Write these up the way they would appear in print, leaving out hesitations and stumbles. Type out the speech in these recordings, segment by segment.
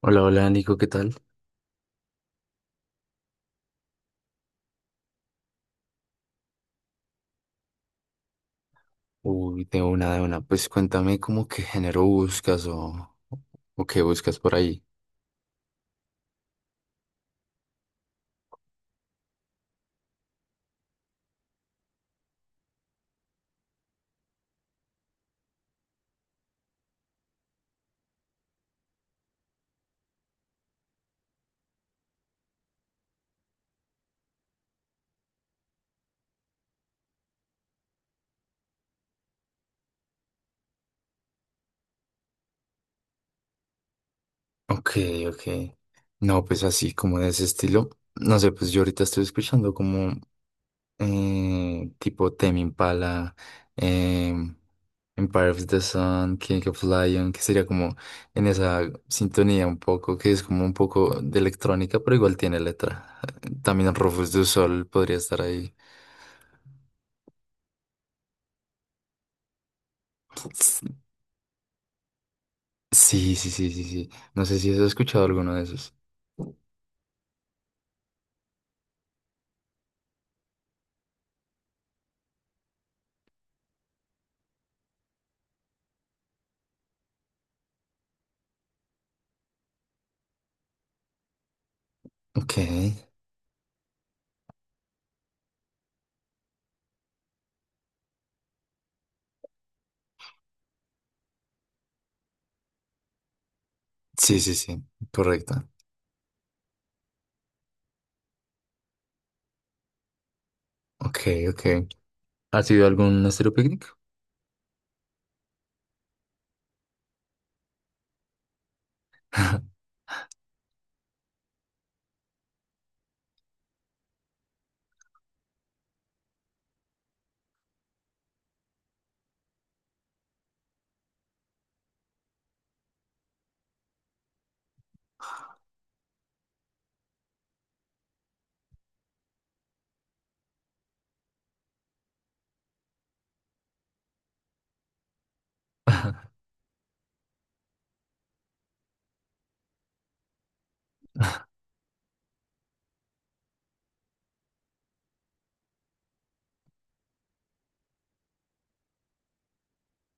Hola, hola Nico, ¿qué tal? Uy, tengo una de una. Pues cuéntame cómo qué género buscas o qué buscas por ahí. Ok, ok. No, pues así como de ese estilo. No sé, pues yo ahorita estoy escuchando como tipo Tame Impala, em, Empire of the Sun, King of Lion, que sería como en esa sintonía un poco, que es como un poco de electrónica, pero igual tiene letra. También Rufus du Sol podría estar ahí. Sí, sí, sí, sí, sí. No sé si has escuchado alguno de esos. Ok. Sí, sí, sí. Correcto. Ok, ok. ¿Has ido a algún estero picnic?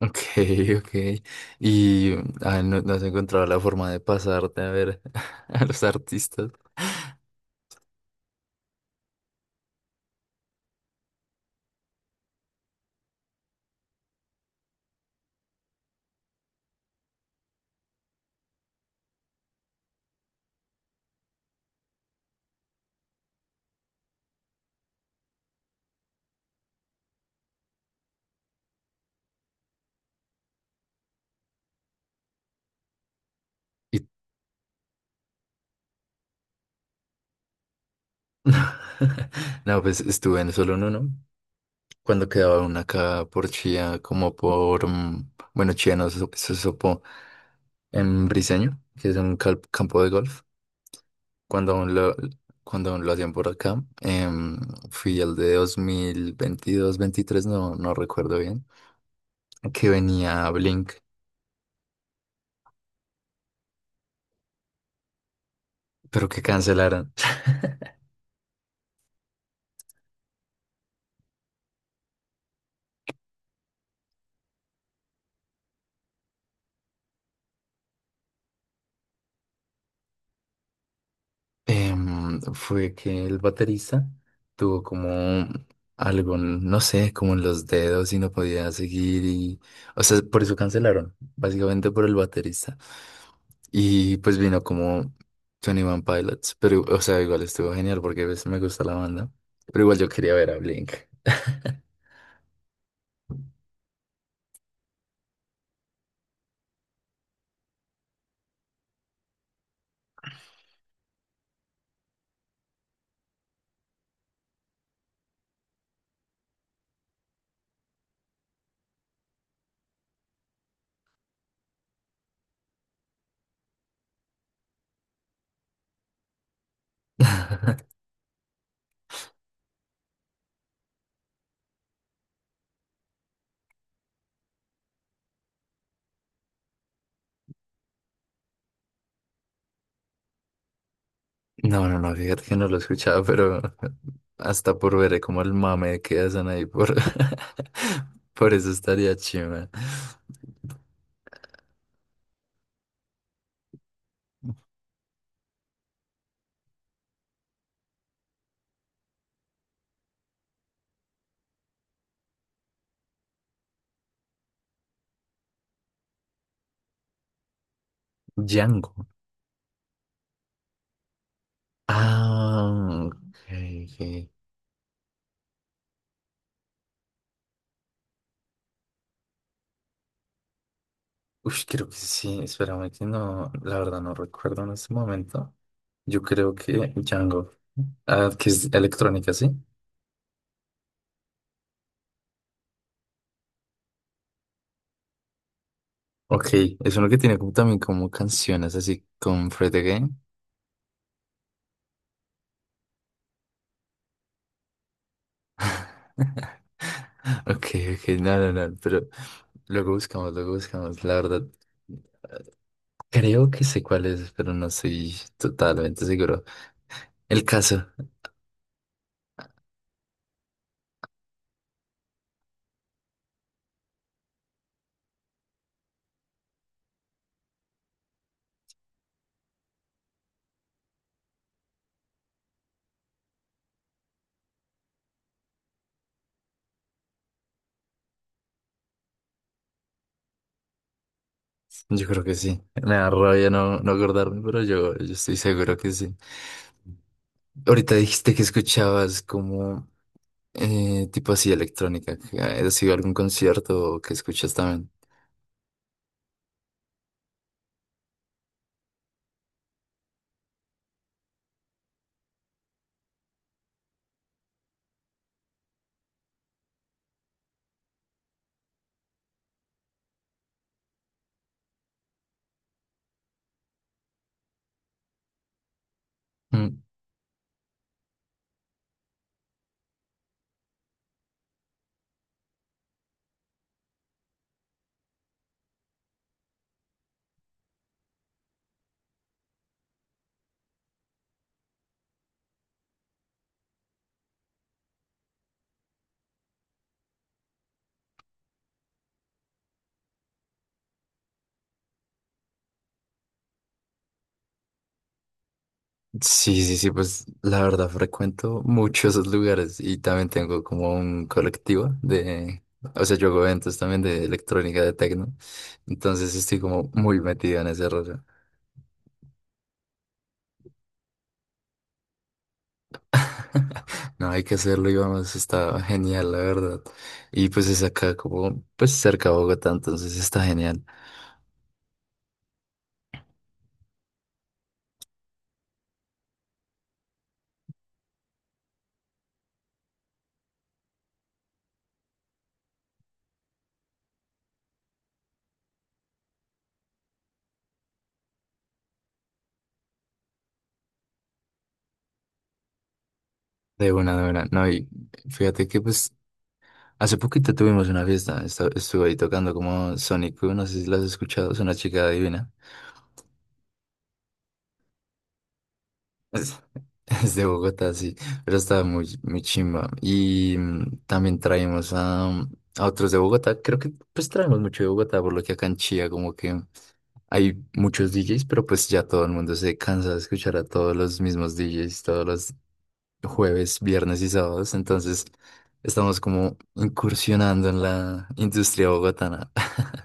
Ok, ok. Y ah, no, no has encontrado la forma de pasarte a ver a los artistas. Y... No, pues estuve en solo en uno. Cuando quedaba una acá por Chía, como por, mm, bueno, Chía no, eso es Sopó, en Briseño, que es un campo de golf. Cuando aún lo, cuando aún lo hacían por acá, fui al de 2022-23, no, no recuerdo bien, que venía Blink, pero que cancelaron. Fue que el baterista tuvo como algo, no sé, como en los dedos y no podía seguir y, o sea, por eso cancelaron, básicamente por el baterista. Y pues vino como Twenty One Pilots, pero, o sea, igual estuvo genial porque pues, me gusta la banda, pero igual yo quería ver a Blink. No, no, no, fíjate que no lo escuchaba, pero hasta por ver como el mame que hacen ahí por, por eso estaría chima. Django. Ah, ok, ok. Uy, creo que sí. Espérame que no, la verdad no recuerdo en este momento. Yo creo que Django. Ah, que es electrónica, ¿sí? Ok, es uno que tiene como, también como canciones así con Fred Again. Ok, ok, no, no, no, pero luego buscamos, luego buscamos. La verdad, creo que sé cuál es, pero no estoy totalmente seguro. El caso. Yo creo que sí. Me da rabia no, no acordarme, pero yo estoy seguro que sí. Ahorita dijiste que escuchabas como tipo así electrónica. ¿Has ido a algún concierto que escuchas también? Mm, sí, sí, sí, pues la verdad frecuento muchos esos lugares y también tengo como un colectivo de, o sea, yo hago eventos también de electrónica, de techno, entonces estoy como muy metido en ese rollo. No, hay que hacerlo, y vamos, está genial, la verdad. Y pues es acá como, pues cerca de Bogotá, entonces está genial. De buena, de buena. No, y fíjate que pues hace poquito tuvimos una fiesta, estuve ahí tocando como Sonic, no sé si la has escuchado, es una chica divina. Es, es de Bogotá, sí, pero estaba muy, muy chimba. Y mm, también traemos a otros de Bogotá, creo que pues traemos mucho de Bogotá, por lo que acá en Chía como que... Hay muchos DJs, pero pues ya todo el mundo se cansa de escuchar a todos los mismos DJs todos los jueves, viernes y sábados. Entonces estamos como incursionando en la industria bogotana.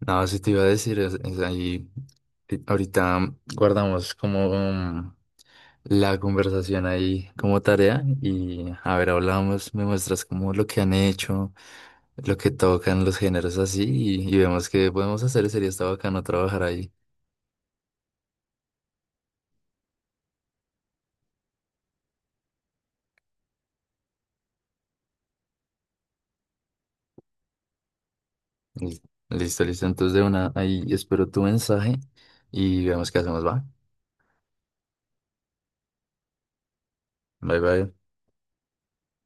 No, si te iba a decir, es ahí, ahorita guardamos como la conversación ahí como tarea y a ver, hablamos, me muestras como lo que han hecho, lo que tocan los géneros así y vemos qué podemos hacer. Sería está bacano trabajar ahí. Lis- Listo, listo. Entonces de una, ahí espero tu mensaje y veamos qué hacemos, ¿va? Bye, bye.